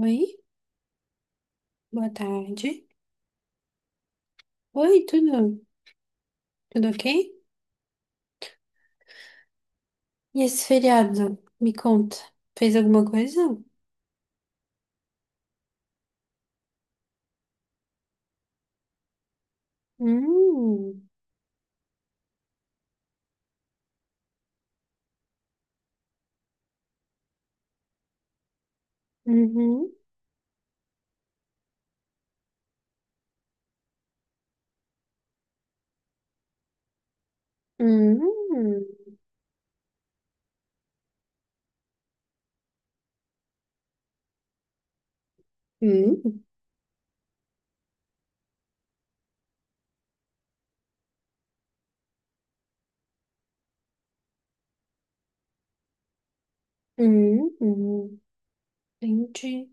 Oi, boa tarde. Oi, tudo? Tudo ok? E esse feriado? Me conta. Fez alguma coisa? Hum. Uhum. Hum, hum. Hum, hum. Entendi.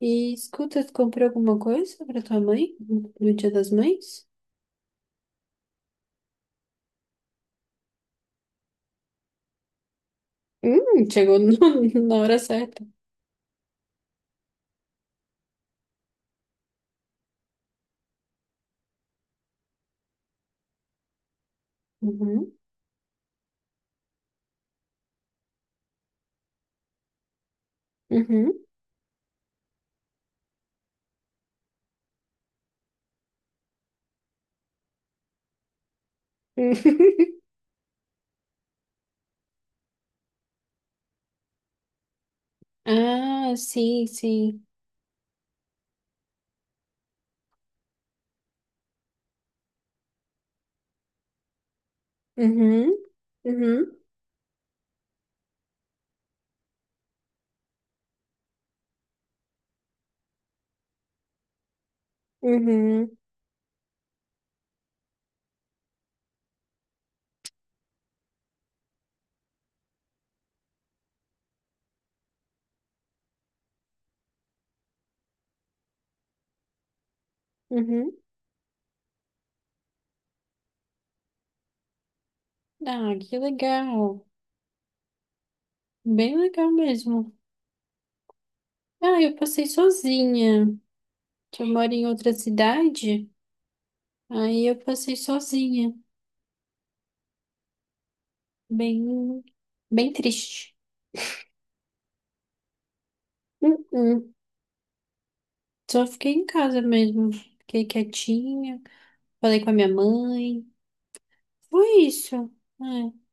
E escuta, tu comprou alguma coisa pra tua mãe no Dia das Mães? Chegou na hora certa. Uhum. Uhum. Ah, sim, sim. Uhum. Uhum. Uhum. Uhum. Ah, que legal. Bem legal mesmo. Ah, eu passei sozinha. Que Eu moro em outra cidade, aí eu passei sozinha. Bem, bem triste. Uh-uh. Só fiquei em casa mesmo. Fiquei quietinha. Falei com a minha mãe. Foi isso. É.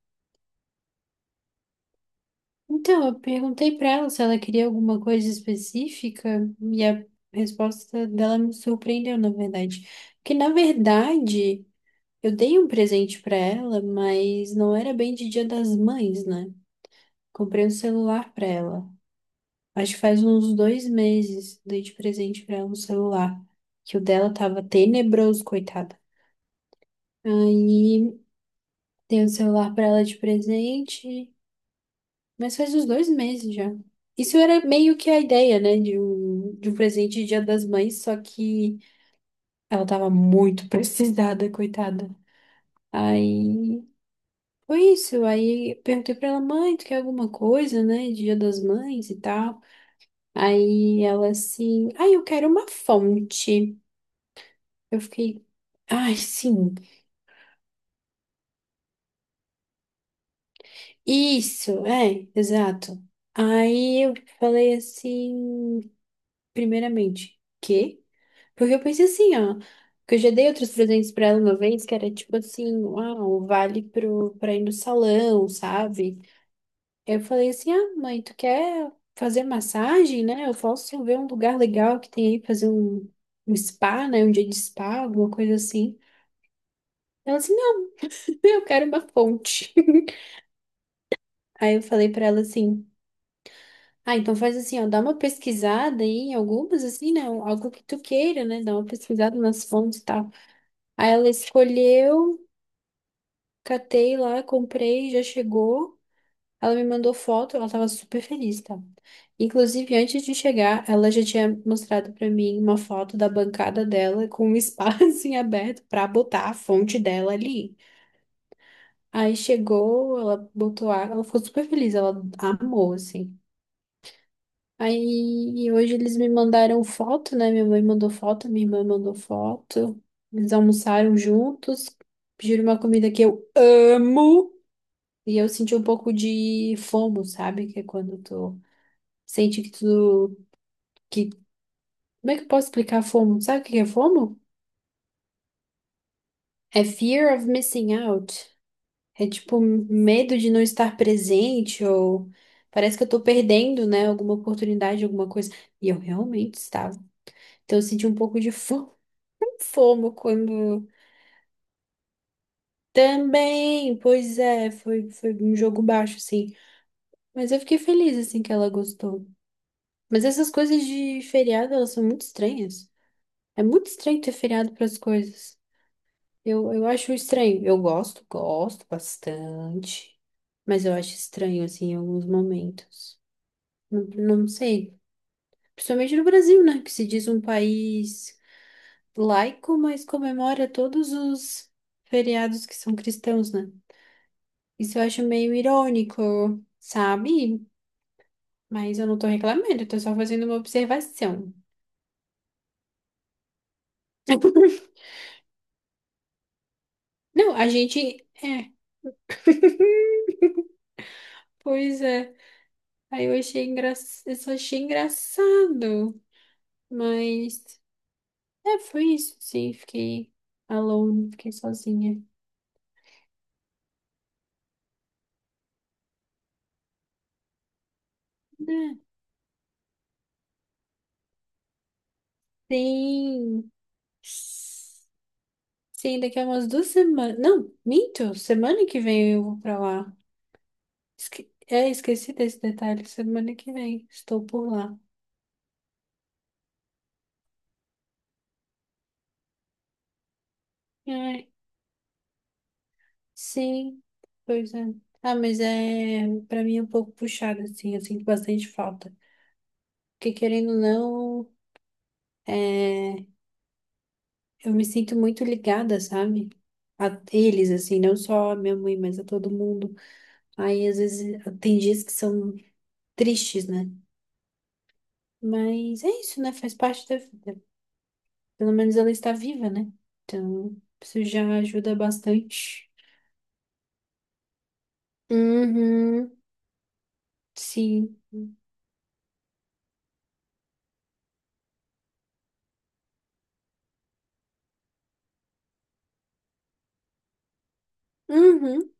Então, eu perguntei pra ela se ela queria alguma coisa específica e a resposta dela me surpreendeu, na verdade. Porque, na verdade, eu dei um presente pra ela, mas não era bem de Dia das Mães, né? Comprei um celular pra ela. Acho que faz uns dois meses dei de presente pra ela um celular, que o dela tava tenebroso, coitada. Aí dei um celular pra ela de presente, mas faz uns dois meses já. Isso era meio que a ideia, né, de um presente de Dia das Mães, só que ela tava muito precisada, coitada. Aí foi isso. Aí eu perguntei pra ela, mãe, tu quer alguma coisa, né? Dia das Mães e tal. Aí ela assim, ai, eu quero uma fonte. Eu fiquei, ai, sim, isso, é, exato. Aí eu falei assim, primeiramente, quê? Porque eu pensei assim, ó, que eu já dei outros presentes pra ela uma vez, que era tipo assim, uau, vale pra ir no salão, sabe? Eu falei assim, ah, mãe, tu quer fazer massagem, né? Eu posso ver um lugar legal que tem aí, fazer um spa, né? Um dia de spa, alguma coisa assim. Ela assim, não, eu quero uma fonte. Aí eu falei pra ela assim, ah, então faz assim, ó, dá uma pesquisada aí em algumas, assim, né? Algo que tu queira, né? Dá uma pesquisada nas fontes e tal. Aí ela escolheu, catei lá, comprei, já chegou. Ela me mandou foto, ela tava super feliz, tá? Inclusive, antes de chegar, ela já tinha mostrado pra mim uma foto da bancada dela com um espaço em aberto pra botar a fonte dela ali. Aí chegou, ela botou água, ela ficou super feliz, ela amou, assim. Aí e hoje eles me mandaram foto, né? Minha mãe mandou foto, minha irmã mandou foto. Eles almoçaram juntos, pediram uma comida que eu amo. E eu senti um pouco de fomo, sabe? Que é quando tu sente que que, como é que eu posso explicar FOMO? Sabe o que é FOMO? É fear of missing out. É tipo medo de não estar presente ou parece que eu tô perdendo, né, alguma oportunidade, alguma coisa. E eu realmente estava. Então eu senti um pouco de FOMO quando também, pois é, foi um jogo baixo assim, mas eu fiquei feliz assim que ela gostou. Mas essas coisas de feriado, elas são muito estranhas. É muito estranho ter feriado para as coisas. Eu acho estranho. Eu gosto, gosto bastante, mas eu acho estranho, assim, em alguns momentos. Não, não sei. Principalmente no Brasil, né? Que se diz um país laico, mas comemora todos os feriados que são cristãos, né? Isso eu acho meio irônico, sabe? Mas eu não tô reclamando, eu tô só fazendo uma observação. Não, a gente. É. Pois é. Aí eu achei engra... eu só achei engraçado, mas é, foi isso, sim, fiquei alone, fiquei sozinha. Né? Sim. Sim, daqui a umas duas semanas. Não, minto, semana que vem eu vou pra lá. Esque... É, esqueci desse detalhe, semana que vem estou por lá. Ai, sim, pois é. Ah, mas é pra mim é um pouco puxado, assim, eu sinto bastante falta. Porque querendo ou não. É. Eu me sinto muito ligada, sabe? A eles, assim, não só a minha mãe, mas a todo mundo. Aí, às vezes, tem dias que são tristes, né? Mas é isso, né? Faz parte da vida. Pelo menos ela está viva, né? Então, isso já ajuda bastante. Uhum. Sim. Uhum.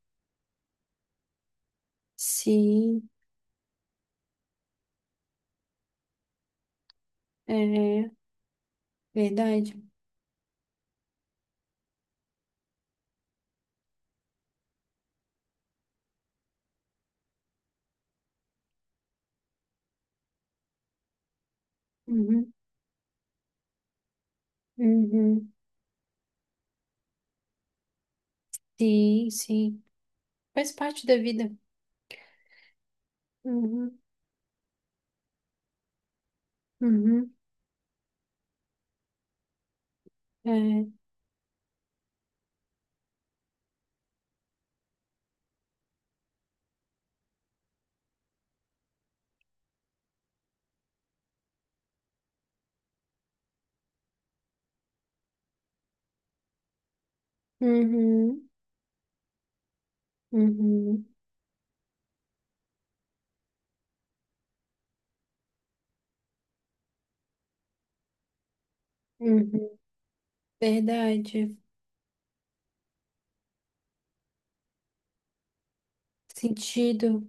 Sim. É verdade. Uhum. Uhum. Sim, sim. Faz parte da vida. Uhum. Uhum. É. Uhum. Uhum. Uhum. Verdade. Sentido.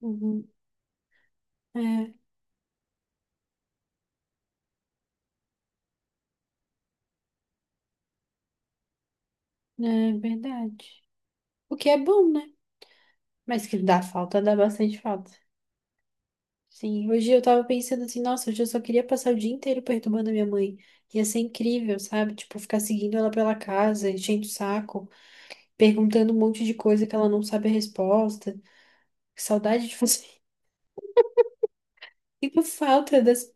Uhum. É, é verdade. O que é bom, né? Mas que dá falta, dá bastante falta. Sim, hoje eu tava pensando assim, nossa, hoje eu só queria passar o dia inteiro perturbando a minha mãe. Ia ser incrível, sabe? Tipo, ficar seguindo ela pela casa, enchendo o saco, perguntando um monte de coisa que ela não sabe a resposta. Que saudade de fazer. Sinto falta das.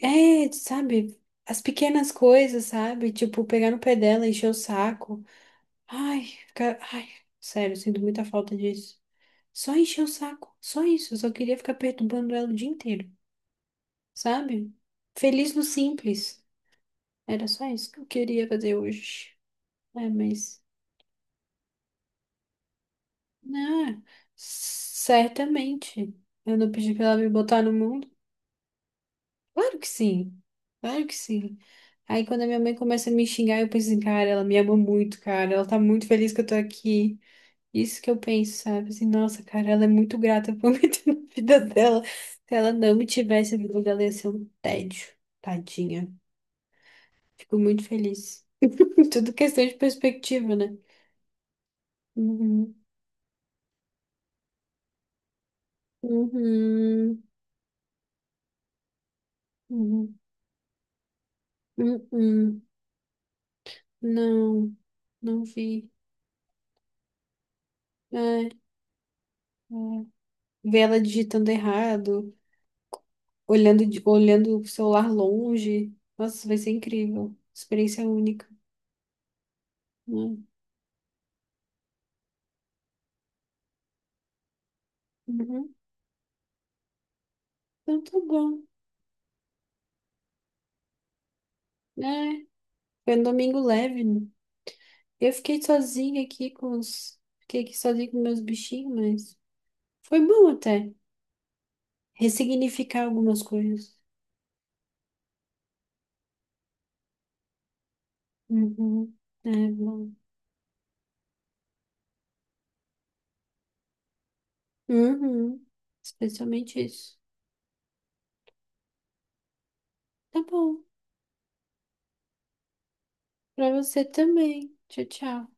É, sabe? As pequenas coisas, sabe? Tipo, pegar no pé dela, encher o saco. Ai, fica... Ai, sério, sinto muita falta disso. Só encher o saco, só isso. Eu só queria ficar perturbando ela o dia inteiro, sabe? Feliz no simples. Era só isso que eu queria fazer hoje. É, mas. Não, certamente. Eu não pedi pra ela me botar no mundo? Claro que sim, claro que sim. Aí quando a minha mãe começa a me xingar, eu penso assim, cara, ela me ama muito, cara. Ela tá muito feliz que eu tô aqui. Isso que eu penso, sabe? Assim, nossa, cara, ela é muito grata por me ter na vida dela. Se ela não me tivesse, a vida dela ia ser um tédio. Tadinha. Fico muito feliz. Tudo questão de perspectiva, né? Uhum. Uhum. Uhum. Uhum. Não, não vi. É, é. Ver ela digitando errado, olhando, de- olhando o celular longe. Nossa, vai ser incrível. Experiência única. Né? Uhum. Então tá bom. É. Foi um domingo leve, né? Eu fiquei sozinha aqui com os. Fiquei aqui sozinha com meus bichinhos, mas foi bom até. Ressignificar algumas coisas. Uhum. É bom. Uhum. Especialmente isso. Tá bom. Pra você também. Tchau, tchau.